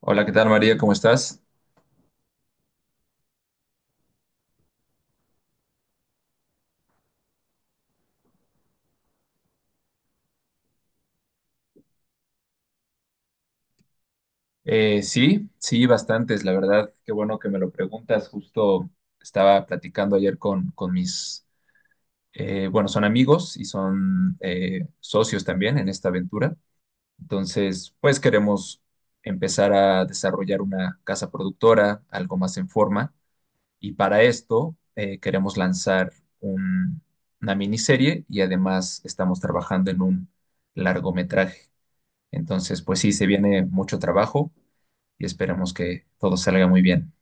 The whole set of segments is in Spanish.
Hola, ¿qué tal María? ¿Cómo estás? Sí, sí, bastantes, la verdad. Qué bueno que me lo preguntas. Justo estaba platicando ayer con mis, bueno, son amigos y son socios también en esta aventura. Entonces, pues queremos empezar a desarrollar una casa productora, algo más en forma. Y para esto queremos lanzar un- una miniserie y además estamos trabajando en un largometraje. Entonces, pues sí, se viene mucho trabajo y esperemos que todo salga muy bien.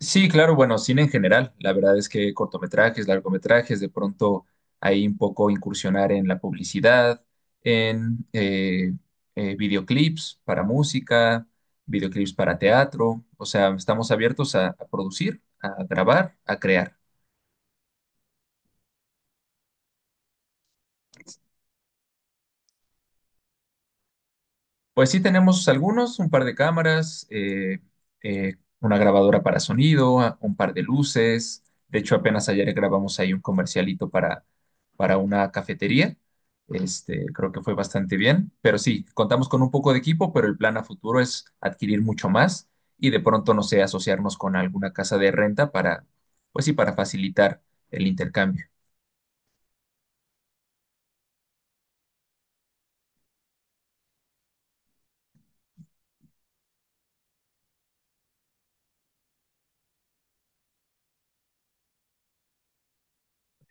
Sí, claro, bueno, cine en general. La verdad es que cortometrajes, largometrajes, de pronto ahí un poco incursionar en la publicidad, en videoclips para música, videoclips para teatro. O sea, estamos abiertos a producir, a grabar, a crear. Pues sí, tenemos algunos, un par de cámaras, eh, una grabadora para sonido, un par de luces. De hecho, apenas ayer grabamos ahí un comercialito para una cafetería. Este, creo que fue bastante bien. Pero sí, contamos con un poco de equipo, pero el plan a futuro es adquirir mucho más y de pronto, no sé, asociarnos con alguna casa de renta pues sí, para facilitar el intercambio.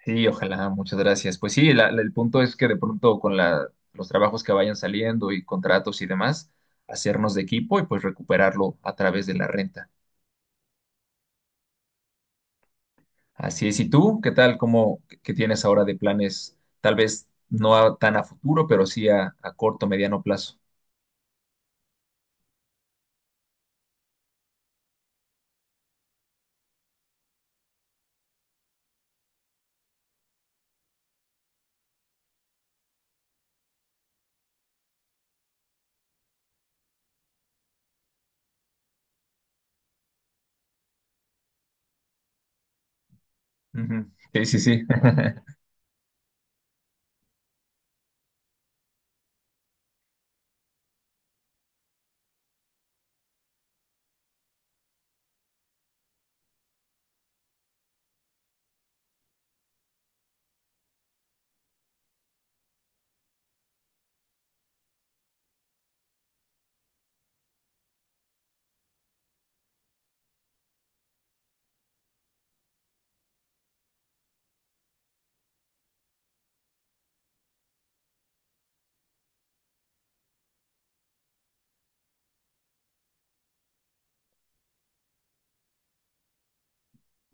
Sí, ojalá, muchas gracias. Pues sí, el punto es que de pronto con la, los trabajos que vayan saliendo y contratos y demás, hacernos de equipo y pues recuperarlo a través de la renta. Así es, ¿y tú qué tal? ¿Cómo qué tienes ahora de planes? Tal vez no tan a futuro, pero sí a corto, mediano plazo. Ujú. Sí, sí, sí.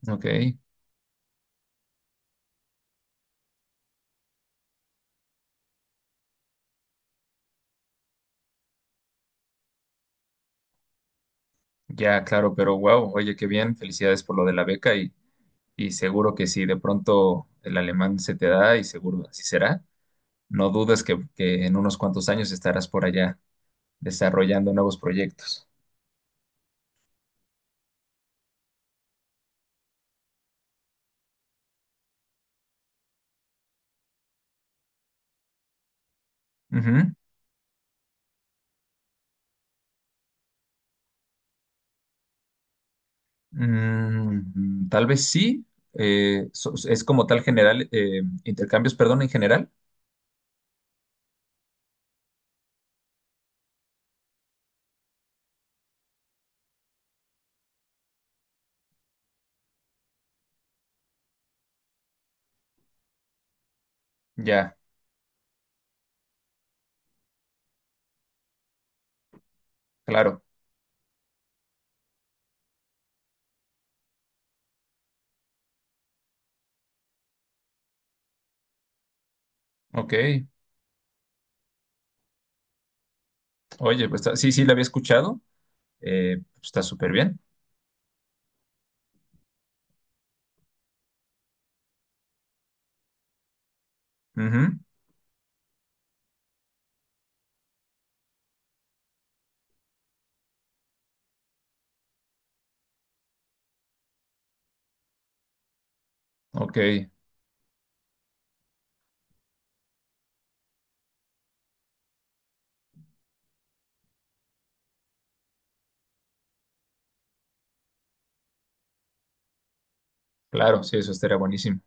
Ok, ya, claro, pero wow, oye, qué bien, felicidades por lo de la beca y seguro que sí, de pronto el alemán se te da y seguro así será. No dudes que en unos cuantos años estarás por allá desarrollando nuevos proyectos. Ujú. Mm, tal vez sí. Es como tal general, intercambios, perdón, en general. Ya, claro. Ok. Oye, pues está- sí, sí, la había escuchado. Pues, está súper bien. Ujú. Ok, claro, sí, eso estaría buenísimo.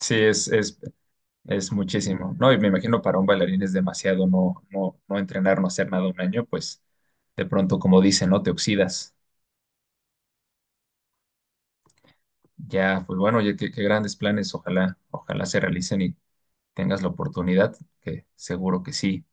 Sí, es muchísimo, ¿no? Y me imagino para un bailarín es demasiado no, no, no entrenar, no hacer nada un año, pues de pronto, como dicen, ¿no? Te oxidas. Ya, pues bueno, oye, qué, qué grandes planes. Ojalá, ojalá se realicen y tengas la oportunidad, que seguro que sí.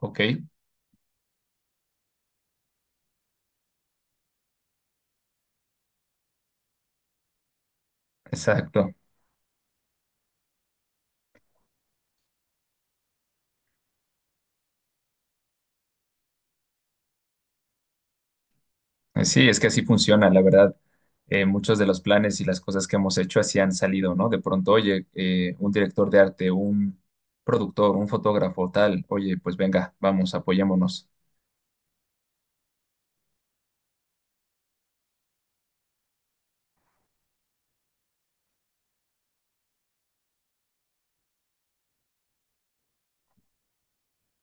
Ok, exacto. Sí, es que así funciona, la verdad. Muchos de los planes y las cosas que hemos hecho así han salido, ¿no? De pronto, oye, un director de arte, un productor, un fotógrafo, tal, oye, pues venga, vamos, apoyémonos.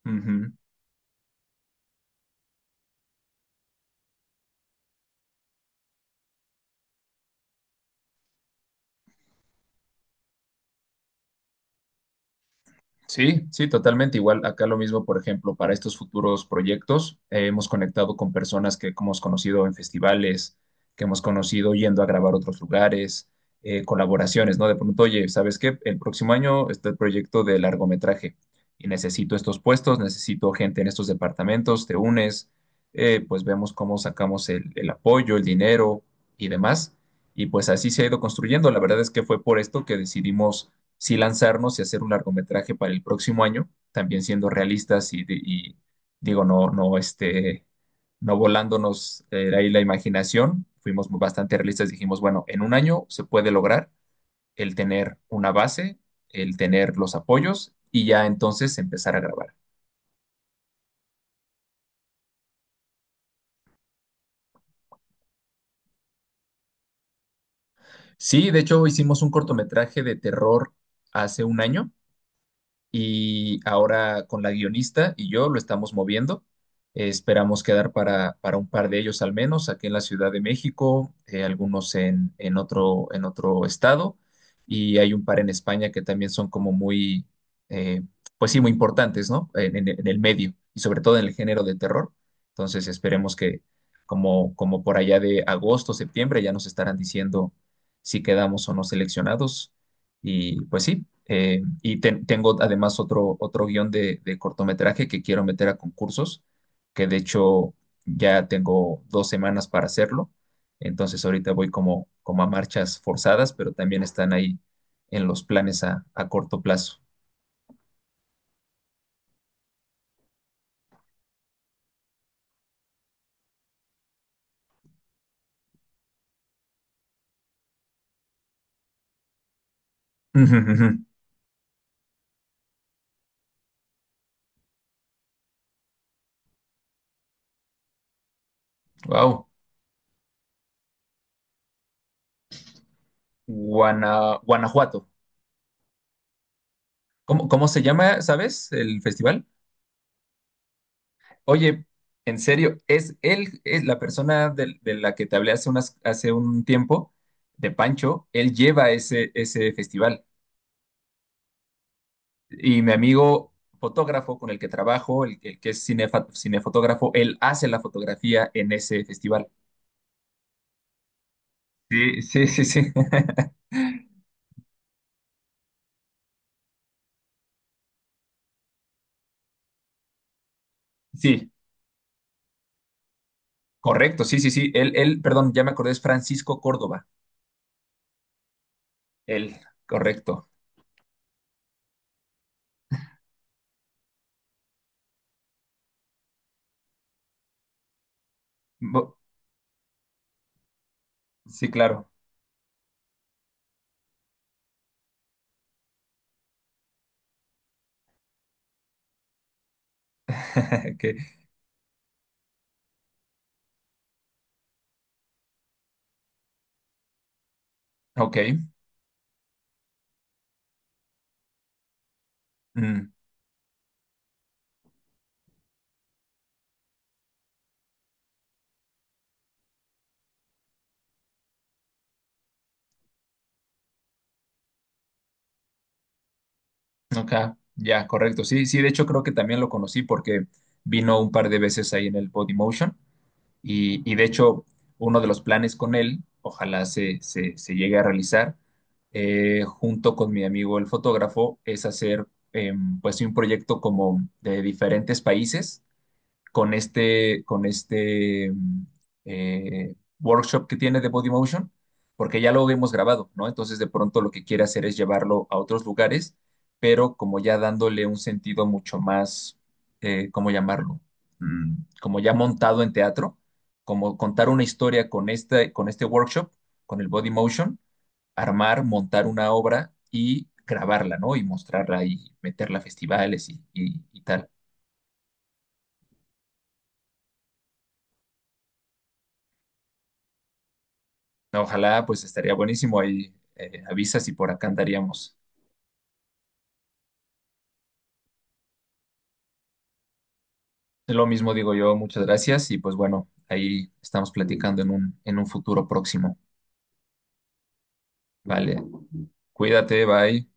Ujú. Sí, sí, totalmente. Igual acá lo mismo, por ejemplo, para estos futuros proyectos, hemos conectado con personas que hemos conocido en festivales, que hemos conocido yendo a grabar a otros lugares, colaboraciones, ¿no? De pronto, oye, ¿sabes qué? El próximo año está el proyecto de largometraje y necesito estos puestos, necesito gente en estos departamentos, te unes, pues vemos cómo sacamos el apoyo, el dinero y demás. Y pues así se ha ido construyendo. La verdad es que fue por esto que decidimos sí lanzarnos y hacer un largometraje para el próximo año, también siendo realistas y, digo, este, no volándonos ahí la imaginación, fuimos bastante realistas, dijimos, bueno, en un año se puede lograr el tener una base, el tener los apoyos y ya entonces empezar a grabar. Sí, de hecho hicimos un cortometraje de terror hace un año y ahora con la guionista y yo lo estamos moviendo. Esperamos quedar para un par de ellos al menos, aquí en la Ciudad de México, algunos en, en otro estado, y hay un par en España que también son como muy, eh, pues sí, muy importantes, ¿no? En, en el medio y sobre todo en el género de terror. Entonces esperemos que como por allá de agosto, septiembre, ya nos estarán diciendo si quedamos o no seleccionados. Y pues sí, tengo además otro, otro guión de cortometraje que quiero meter a concursos, que de hecho ya tengo dos semanas para hacerlo. Entonces ahorita voy como a marchas forzadas, pero también están ahí en los planes a corto plazo. Wow. Guanajuato. ¿Cómo, cómo se llama, sabes, el festival? Oye, en serio, es él, es la persona de la que te hablé hace unas, hace un tiempo, de Pancho, él lleva ese, ese festival. Y mi amigo fotógrafo con el que trabajo, el que es cinefotógrafo, él hace la fotografía en ese festival. Sí, sí, sí, sí. Sí, correcto, sí, sí, sí. Él, perdón, ya me acordé, es Francisco Córdoba. Él, correcto. Bo- Sí, claro. Que- Ok. Mm. Acá, ya, correcto. Sí, sí, de hecho creo que también lo conocí porque vino un par de veces ahí en el Body Motion y de hecho uno de los planes con él, ojalá se llegue a realizar, junto con mi amigo el fotógrafo, es hacer pues sí, un proyecto como de diferentes países con este, eh, workshop que tiene de Body Motion, porque ya lo hemos grabado, ¿no? Entonces de pronto lo que quiere hacer es llevarlo a otros lugares, pero como ya dándole un sentido mucho más, ¿cómo llamarlo? Mm, como ya montado en teatro, como contar una historia con este workshop, con el Body Motion, armar, montar una obra y grabarla, ¿no? Y mostrarla y meterla a festivales y, y tal. No, ojalá, pues estaría buenísimo ahí, avisas y por acá andaríamos. Lo mismo digo yo, muchas gracias y pues bueno, ahí estamos platicando en un futuro próximo. Vale, cuídate, bye.